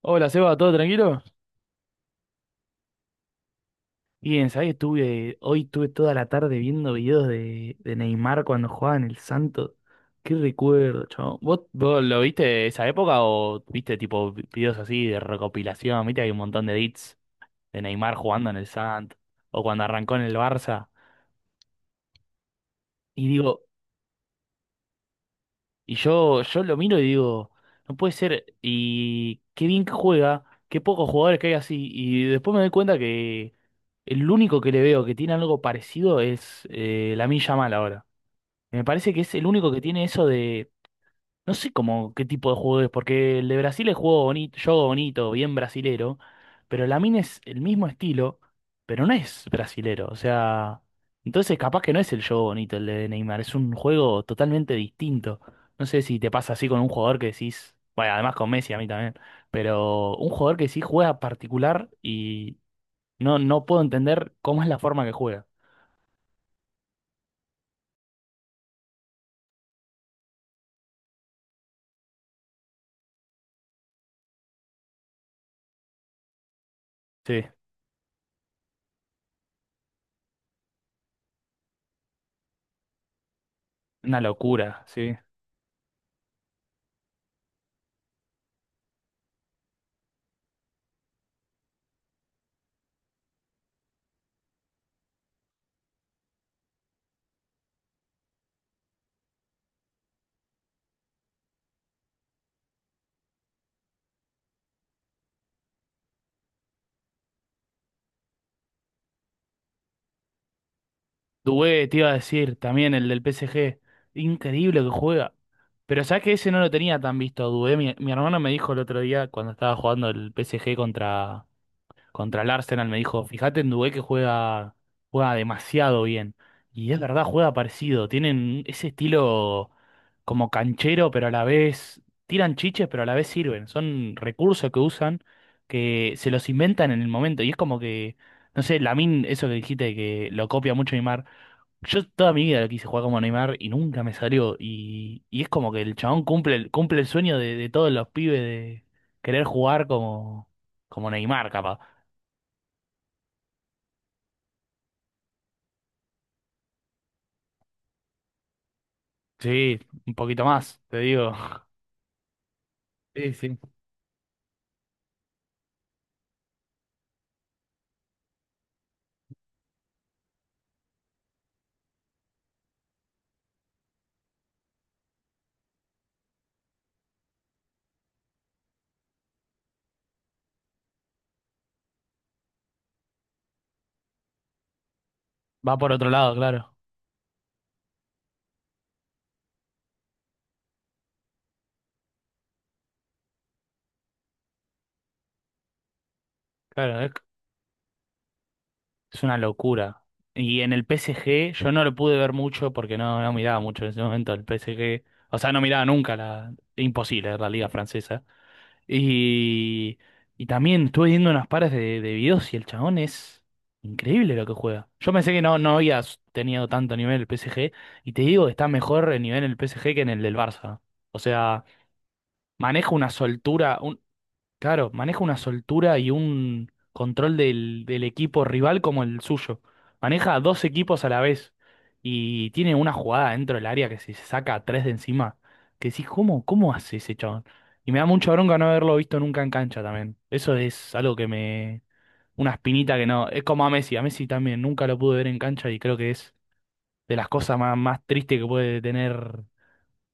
Hola, Seba, ¿todo tranquilo? Bien, ¿sabés? Hoy estuve toda la tarde viendo videos de Neymar cuando jugaba en el Santos. Qué recuerdo, chabón. ¿Vos lo viste de esa época o viste tipo videos así de recopilación? Viste, hay un montón de edits de Neymar jugando en el Santos o cuando arrancó en el Barça. Y digo, y yo lo miro y digo, no puede ser, y qué bien que juega, qué pocos jugadores que hay así. Y después me doy cuenta que el único que le veo que tiene algo parecido es Lamine Yamal ahora. Me parece que es el único que tiene eso, no sé cómo qué tipo de juego es, porque el de Brasil es juego bonito, bien brasilero, pero Lamine es el mismo estilo, pero no es brasilero. O sea, entonces capaz que no es el juego bonito el de Neymar, es un juego totalmente distinto. No sé si te pasa así con un jugador que decís, bueno, además con Messi a mí también, pero un jugador que sí juega particular y no puedo entender cómo es la forma que juega. Sí, una locura, sí. Dubé, te iba a decir, también el del PSG. Increíble que juega. Pero sabes que ese no lo tenía tan visto a Dubé. Mi hermano me dijo el otro día, cuando estaba jugando el PSG contra el Arsenal, me dijo, fíjate en Dubé que juega, juega demasiado bien. Y es verdad, juega parecido. Tienen ese estilo como canchero, pero a la vez tiran chiches, pero a la vez sirven. Son recursos que usan, que se los inventan en el momento. Y es como que, no sé, Lamine, eso que dijiste, que lo copia mucho Neymar. Yo toda mi vida lo quise jugar como Neymar y nunca me salió. Y es como que el chabón cumple, cumple el sueño de todos los pibes de querer jugar como, como Neymar, capaz. Sí, un poquito más, te digo. Sí, sí. Va por otro lado, claro. Claro, es una locura. Y en el PSG yo no lo pude ver mucho porque no miraba mucho en ese momento el PSG. O sea, no miraba nunca la... Imposible, la liga francesa. Y, y también estuve viendo unas pares de videos y el chabón es increíble lo que juega. Yo pensé que no había s- tenido tanto nivel el PSG y te digo, que está mejor el nivel en el PSG que en el del Barça. O sea, maneja una soltura. Claro, maneja una soltura y un control del equipo rival como el suyo. Maneja a dos equipos a la vez y tiene una jugada dentro del área que se saca a tres de encima. Que decís, ¿cómo hace ese chabón? Y me da mucha bronca no haberlo visto nunca en cancha también. Eso es algo que me... Una espinita que no... Es como a Messi. A Messi también nunca lo pude ver en cancha y creo que es de las cosas más, más tristes que puede tener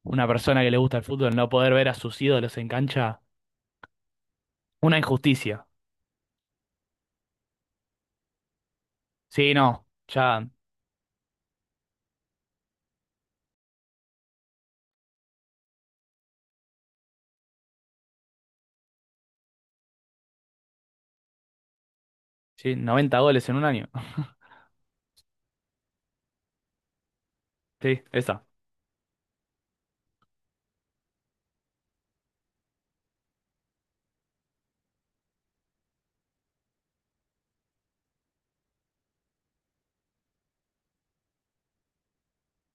una persona que le gusta el fútbol, no poder ver a sus ídolos en cancha. Una injusticia. Sí, no, ya, sí, 90 goles en un año. Sí, esa,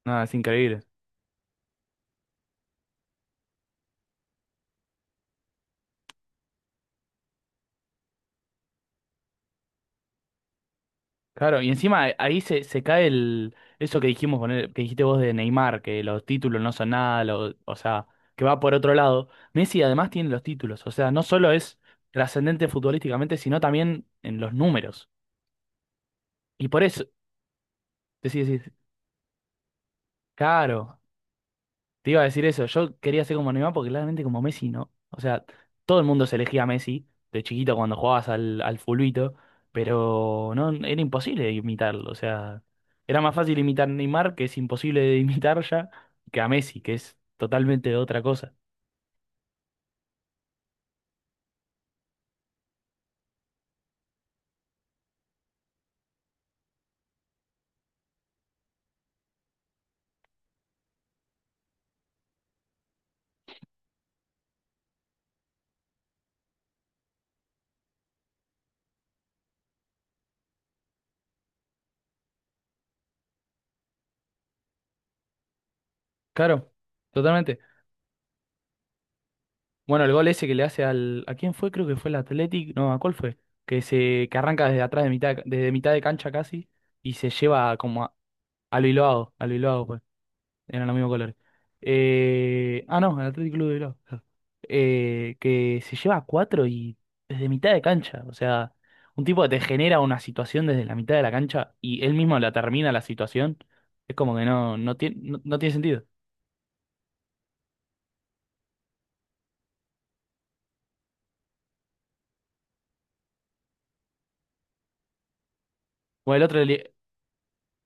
nada, es increíble. Claro, y encima ahí se cae el, eso que dijimos con que dijiste vos de Neymar, que los títulos no son nada, o sea, que va por otro lado. Messi además tiene los títulos, o sea, no solo es trascendente futbolísticamente, sino también en los números. Y por eso, decís, decís, claro. Te iba a decir eso, yo quería ser como Neymar porque claramente como Messi no. O sea, todo el mundo se elegía a Messi de chiquito cuando jugabas al fulbito, pero no, era imposible imitarlo. O sea, era más fácil imitar a Neymar, que es imposible de imitar ya, que a Messi, que es totalmente otra cosa. Claro, totalmente. Bueno, el gol ese que le hace al... ¿A quién fue? Creo que fue el Athletic. No, ¿a cuál fue? Que se, que arranca desde atrás de mitad, desde mitad de cancha casi y se lleva como a lo Iloao, a lo Iloao. Eran los mismos colores. No, el Atlético Club de Bilbao. Claro. Que se lleva a cuatro y desde mitad de cancha. O sea, un tipo que te genera una situación desde la mitad de la cancha y él mismo la termina la situación. Es como que no tiene sentido. Bueno,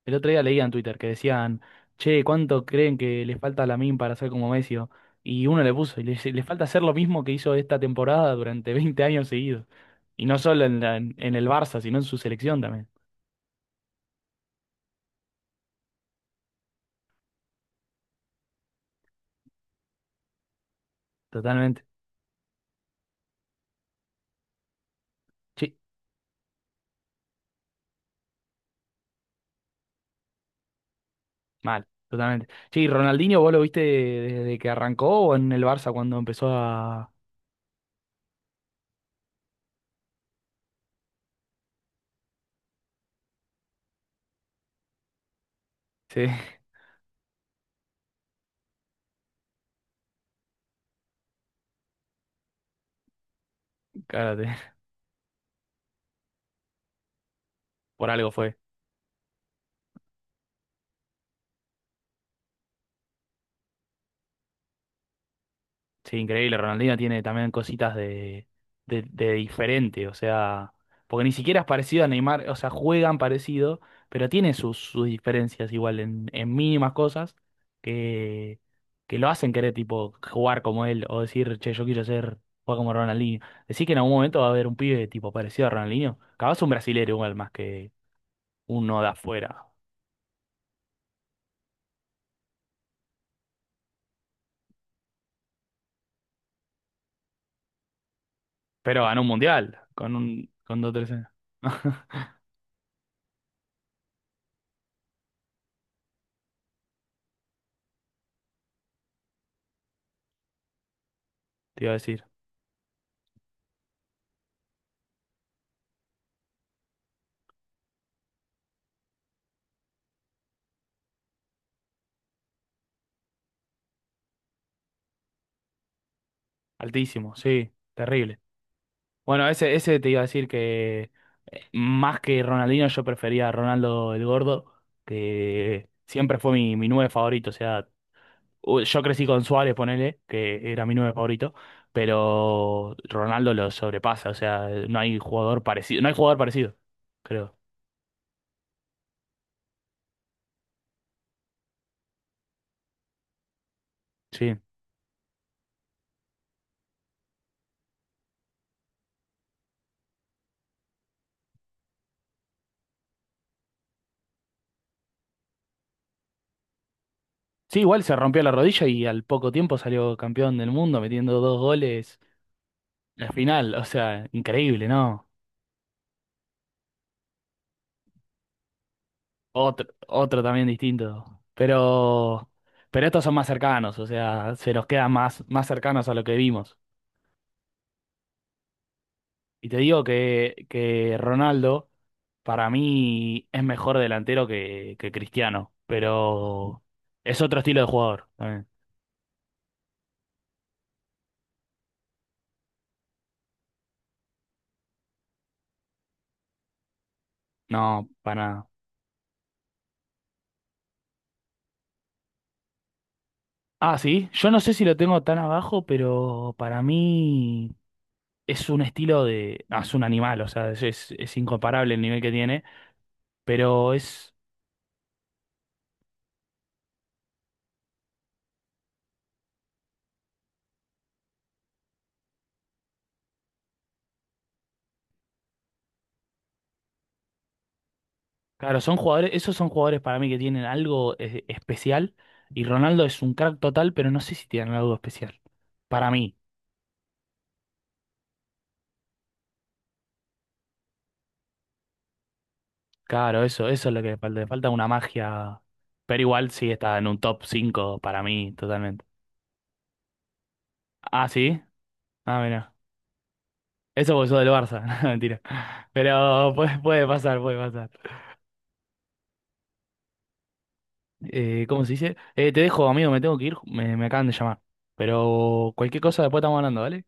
el otro día leía en Twitter que decían, che, ¿cuánto creen que le falta a Lamine para ser como Messi? O... Y uno le puso, dice, le falta hacer lo mismo que hizo esta temporada durante 20 años seguidos. Y no solo en el Barça, sino en su selección también. Totalmente. Sí, mal, totalmente. Sí, Ronaldinho, ¿vos lo viste desde que arrancó o en el Barça cuando empezó a... Sí, cárate, por algo fue. Sí, increíble. Ronaldinho tiene también cositas de diferente, o sea, porque ni siquiera es parecido a Neymar, o sea, juegan parecido, pero tiene sus diferencias igual en mínimas cosas que, que lo hacen querer, tipo, jugar como él o decir, che, yo quiero ser, jugar como Ronaldinho. Decir que en algún momento va a haber un pibe tipo parecido a Ronaldinho, capaz un brasilero igual más que uno de afuera, pero ganó un mundial con un, con dos, tres años. Te iba a decir, altísimo, sí, terrible. Bueno, ese te iba a decir que más que Ronaldinho yo prefería a Ronaldo el Gordo, que siempre fue mi nueve favorito. O sea, yo crecí con Suárez, ponele, que era mi nueve favorito, pero Ronaldo lo sobrepasa. O sea, no hay jugador parecido, no hay jugador parecido, creo. Sí. Sí, igual se rompió la rodilla y al poco tiempo salió campeón del mundo metiendo dos goles. La final, o sea, increíble, ¿no? Otro, otro también distinto. Pero, pero estos son más cercanos, o sea, se nos quedan más, más cercanos a lo que vimos. Y te digo que Ronaldo, para mí, es mejor delantero que Cristiano, pero es otro estilo de jugador también. No, para nada. Ah, sí, yo no sé si lo tengo tan abajo, pero para mí es un estilo de... no, es un animal, o sea, es incomparable el nivel que tiene, pero es... Claro, son jugadores, esos son jugadores para mí que tienen algo especial y Ronaldo es un crack total, pero no sé si tienen algo especial. Para mí, eso es lo que le falta una magia, pero igual sí está en un top 5 para mí totalmente. Ah, sí, ah, mira, eso porque sos del Barça. No, mentira, pero puede, puede pasar, puede pasar. ¿Cómo se dice? Te dejo, amigo, me tengo que ir, me acaban de llamar, pero cualquier cosa después estamos hablando, ¿vale?